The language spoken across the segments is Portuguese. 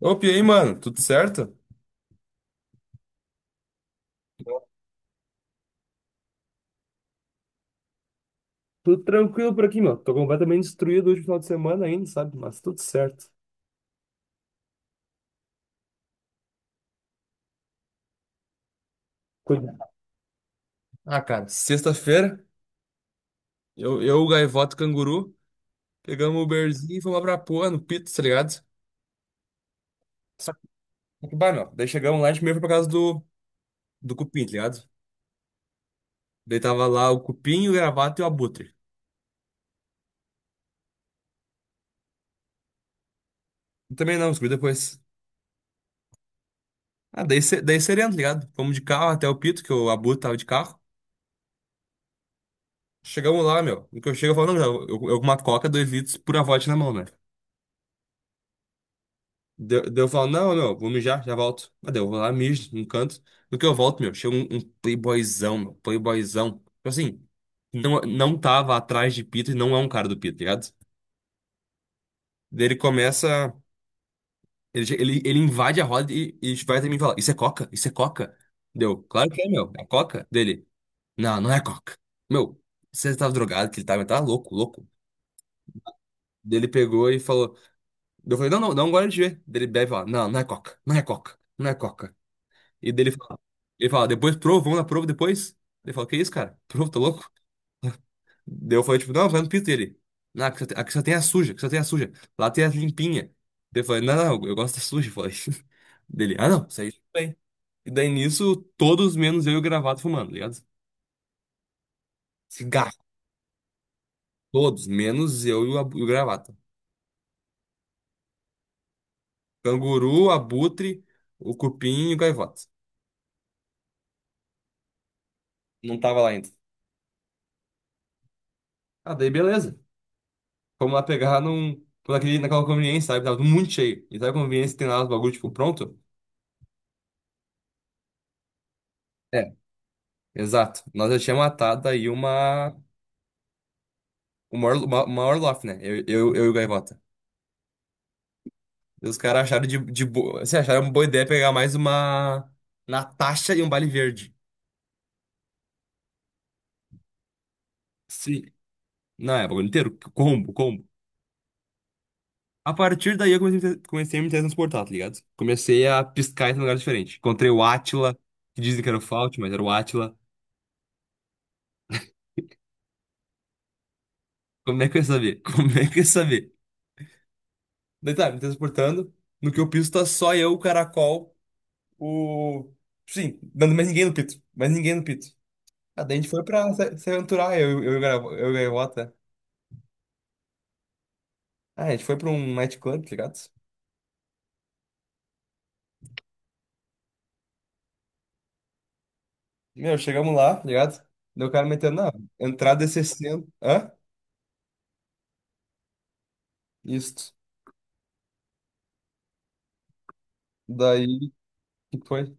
Opa, e aí, mano? Tudo certo? Tudo tranquilo por aqui, meu. Tô completamente destruído hoje no final de semana ainda, sabe? Mas tudo certo. Cuida. Ah, cara, sexta-feira, eu, o Gaivota e o Canguru, pegamos o Uberzinho e fomos lá pra porra, no Pito, tá ligado? Só que, bah, meu, daí chegamos lá, a gente meio foi por causa do Cupim, tá ligado? Daí tava lá o Cupim, o Gravata e o Abutre. Eu também não, descobri depois. Ah, daí, daí sereno, tá ligado? Fomos de carro até o Pito, que o Abutre tava de carro. Chegamos lá, meu, no que eu chego, eu falo, não, eu, eu com uma coca, 2 litros, pura vodka na mão, né? Deu, eu falo, não, meu, vou mijar, já volto. Mas daí eu vou lá, mijo num canto. No que eu volto, meu, chega um playboyzão, meu, playboyzão. Tipo assim, não, não tava atrás de Pito e não é um cara do Pito, tá ligado? Daí ele começa, ele invade a roda e vai até mim e fala, isso é coca? Isso é coca? Deu, claro que é, meu, é coca? Dele, não, não é coca. Meu, você tava drogado, que ele tava, tá louco, louco. Daí ele pegou e falou, eu falei, não, não, não, agora de ver. Daí ele bebe e fala, não, não é coca, não é coca, não é coca. E dele fala, ele fala, depois prova, vamos na prova depois? Ele fala, que isso, cara? Prova, tá louco? Daí eu falei, tipo, não, vai no pito dele. Não, aqui só tem a suja, aqui só tem a suja. Lá tem a limpinha. Daí eu falei, não, não, eu gosto da suja, eu falei. Dele, ah, não, isso aí tudo bem. E daí nisso, todos menos eu e o Gravata fumando, tá ligado? Cigarro. Todos, menos eu e o Gravata. Canguru, Abutre, o Cupim e o Gaivota. Não tava lá ainda. Ah, daí beleza. Fomos lá pegar num, naquela conveniência, sabe? Tava tudo muito cheio. E sabe a conveniência que tem lá os bagulho, tipo, pronto? É. Exato. Nós já tínhamos matado aí uma Orloff, né? Eu e o Gaivota. E os caras acharam de boa. Assim, acharam uma boa ideia pegar mais uma Natasha e um Bale Verde. Sim. Não, é, bagulho inteiro. Combo, combo. A partir daí eu comecei a me transportar, tá ligado? Comecei a piscar em um lugar diferente. Encontrei o Átila, que dizem que era o Fault, mas era o Átila. Como é que eu ia saber? Como é que eu ia saber? Daí tá, me transportando. No que eu piso tá só eu, o Caracol, o. Sim, dando mais ninguém no Pito. Mais ninguém no Pito. Ah, daí a gente foi pra se aventurar, eu, e o Gaivota. Ah, a gente foi pra um nightclub, tá ligado? Meu, chegamos lá, tá ligado? Daí o cara metendo, não, entrada é 60. Hã? Isso. Daí, o que foi?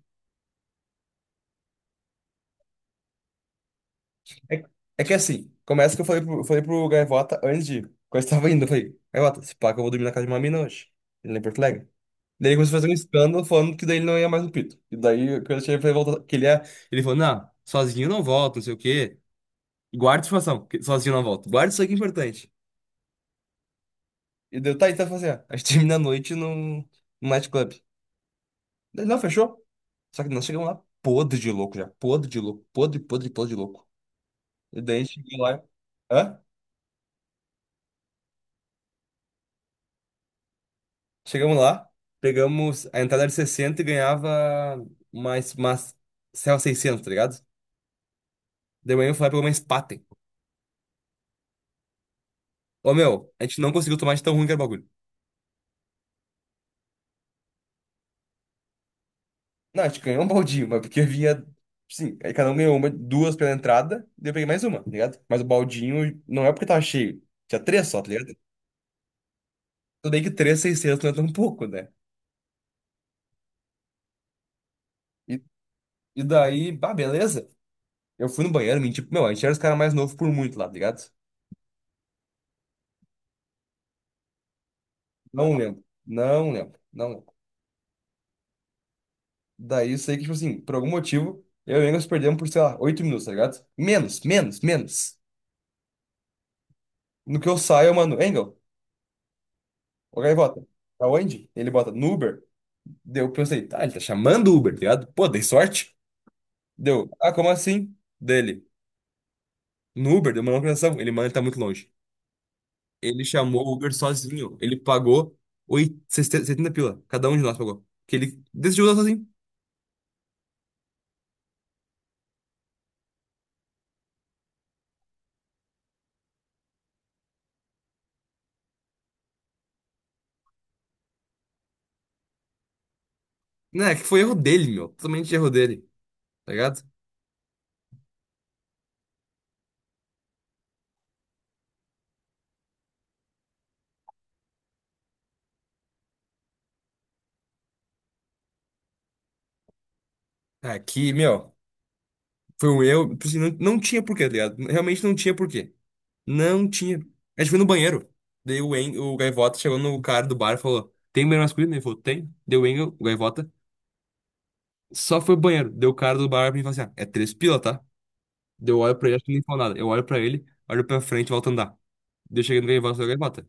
É, é que assim, começa que eu falei pro Gaivota antes de. Quando eu tava indo, eu falei, Gaivota, se pá que eu vou dormir na casa de uma mina hoje. Ele lá em Porto Alegre. Daí ele começou a fazer um escândalo falando que daí ele não ia mais no Pito. E daí, quando eu cheguei pra ele voltar, que ele ia. Ele falou, não, sozinho eu não volto, não sei o quê. Guarda a informação, que sozinho eu não volto. Guarda isso aqui é importante. E deu, tá, então eu falei assim, ó, a gente termina a noite num nightclub. Daí, não, fechou. Só que nós chegamos lá podre de louco já. Podre de louco. Podre, podre, podre de louco. E daí a gente chegou lá. Hã? Chegamos lá, pegamos a entrada de 60 e ganhava mais Serra 600, tá ligado? De manhã eu fui lá e pegou uma Spaten. Ô meu, a gente não conseguiu tomar de tão ruim que era o bagulho. Não, a gente ganhou um baldinho, mas porque havia. Sim, aí cada um ganhou uma, duas pela entrada, daí eu peguei mais uma, tá ligado? Mas o baldinho não é porque tava cheio, tinha três só, tá ligado? Tudo bem que três, 600 não é tão pouco, né? E, e daí, bah, beleza. Eu fui no banheiro, menti, tipo, meu, a gente era os caras mais novos por muito lá, tá ligado? Não lembro, não lembro, não lembro. Daí eu sei que, tipo assim, por algum motivo, eu e o Engels perdemos por, sei lá, 8 minutos, tá ligado? Menos, menos, menos. No que eu saio, eu mando, o Gaivota, pra onde? Ele bota no Uber. Deu, eu pensei, tá, ele tá chamando o Uber, tá ligado? Pô, dei sorte. Deu, ah, como assim? Dele, no Uber, deu uma localização. Ele, mano, ele tá muito longe. Ele chamou o Uber sozinho. Ele pagou 8, 70 pila. Cada um de nós pagou. Que ele decidiu usar sozinho. Né, que foi erro dele, meu. Totalmente erro dele, tá ligado? Aqui, meu. Foi um erro, tipo assim, não, não tinha porquê, tá ligado? Realmente não tinha porquê. Não tinha. A gente foi no banheiro. Daí o Gaivota chegou no cara do bar e falou: Tem banheiro masculino? Ele falou: Tem. Deu o Gaivota. Só foi ao banheiro. Deu o cara do bar pra mim e falou assim: ah, é 3 pila, tá? Deu olho pra ele, acho que nem falou nada. Eu olho pra ele, olho pra frente e volto a andar. Daí eu cheguei no Gaivota e falei: Gaivota,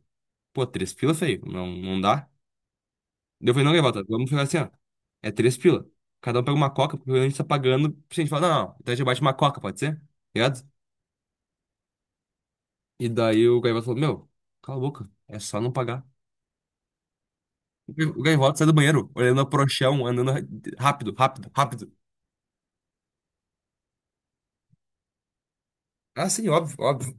pô, 3 pila, feio. Não, não dá. Daí eu falei: Não, Gaivota, vamos ficar assim, ó. É 3 pila. Cada um pega uma coca, porque a gente tá pagando. Tipo assim, a gente fala: Não, não, então a gente bate uma coca, pode ser? Tá ligado? E daí o Gaivota falou: Meu, cala a boca, é só não pagar. O Gaivota sai do banheiro, olhando a prochão, andando rápido, rápido, rápido. Ah, sim, óbvio, óbvio.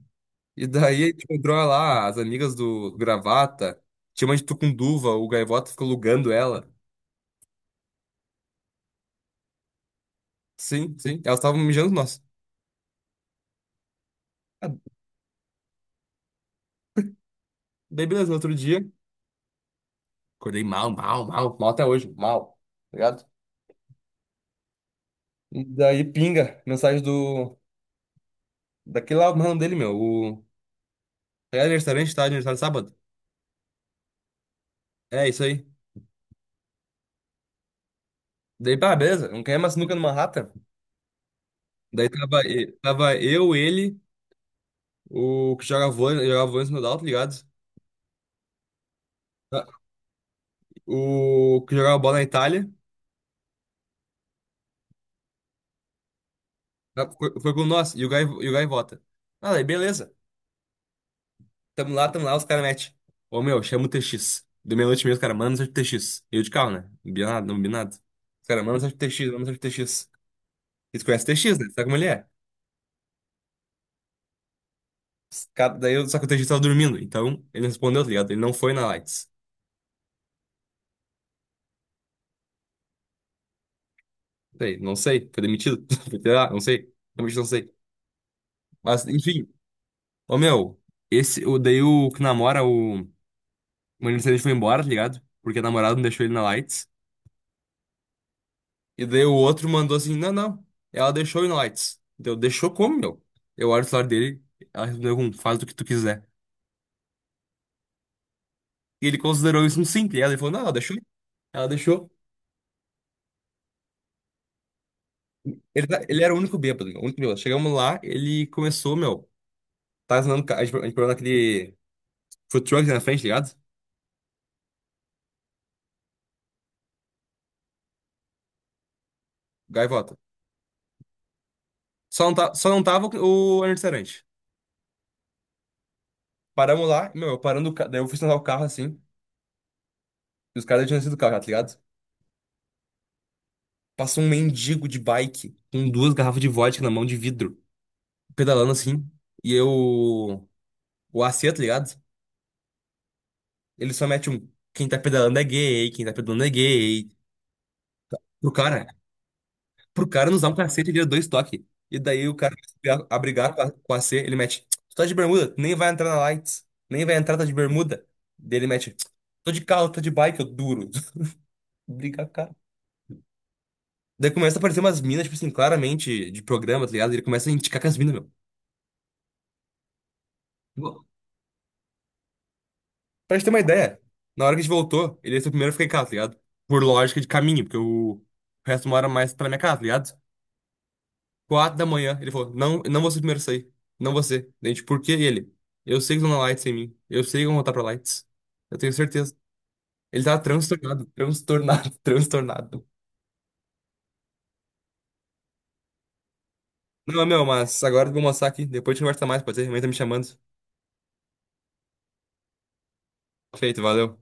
E daí, tipo, entrou lá as amigas do Gravata, tinha uma de Tucunduva, o Gaivota ficou alugando ela. Sim, sim, elas estavam mijando nós. Ah, daí, beleza, no outro dia, acordei mal, mal, mal, mal até hoje, mal, tá ligado? E daí, pinga, mensagem do. Daquele lá, o mano dele, meu, o. É aniversário, tá? Aniversário sábado. É isso aí. Daí, pá, beleza, não quer mais sinuca no Manhattan. Daí tava eu, ele, o que jogava vôlei no Dal, tá ligado? Tá. O que jogava bola na Itália, tá, foi, foi com nós, e e o Gaivota. Ah, daí, beleza, tamo lá, os caras metem. Ô, meu, chama o TX. Deu meia-noite e meia, os caras, mano, seja o TX. Eu de carro, né? Não vi nada, não vi nada. Os caras, mano, seja o TX, mano, seja o TX. Eles conhecem o TX, né? Sabe como ele é? Daí, só que o TX tava dormindo, então ele não respondeu, tá ligado? Ele não foi na Lights. Sei, não sei. Foi demitido? Foi tirar? Não sei. Realmente não sei. Mas, enfim. Ô, meu. Esse, o, daí o que namora, o... O adolescente foi embora, tá ligado? Porque a namorada não deixou ele na Lights. E daí o outro mandou assim, não, não. Ela deixou ele na Lights. Deu, deixou como, meu? Eu olho o celular dele, ela respondeu com, faz do que tu quiser. E ele considerou isso um simples. Ela falou, não, ela deixou. Ela deixou. Ele era o único bêbado, meu. O único bêbado. Chegamos lá, ele começou, meu. Tá ensinando, a gente parou naquele food truck na frente, tá ligado? Gaivota. Só não, tá, só não tava o Arnold. Paramos lá, meu, eu parando o carro. Daí eu fui estacionar o carro assim. E os caras já tinham sido do carro, já, tá ligado? Passou um mendigo de bike com 2 garrafas de vodka na mão de vidro, pedalando assim. E eu. O AC, tá ligado? Ele só mete um. Quem tá pedalando é gay, quem tá pedalando é gay. Pro cara, pro cara nos dá um cacete, ele deu 2 toques. E daí o cara começa a brigar com o AC, ele mete. Tu tá de bermuda, tu nem vai entrar na Lights. Nem vai entrar, tá de bermuda. Daí ele mete. Tô de carro, tô de bike, eu duro. Brigar, cara. Daí começa a aparecer umas minas, tipo assim, claramente de programa, tá ligado? Ele começa a indicar com as minas, meu. Bom, pra gente ter uma ideia, na hora que a gente voltou, ele ia ser o primeiro a ficar em casa, tá ligado? Por lógica de caminho, porque o resto mora mais pra minha casa, tá ligado? 4 da manhã, ele falou: Não, eu não vou ser o primeiro a sair. Não você. Daí a gente, por que ele? Eu sei que estão na Lights sem mim. Eu sei que vão voltar pra Lights. Eu tenho certeza. Ele tava transtornado, transtornado, transtornado. Não, meu, mas agora eu vou mostrar aqui. Depois a gente conversa mais, pode ser? Minha mãe tá me chamando. Feito, valeu.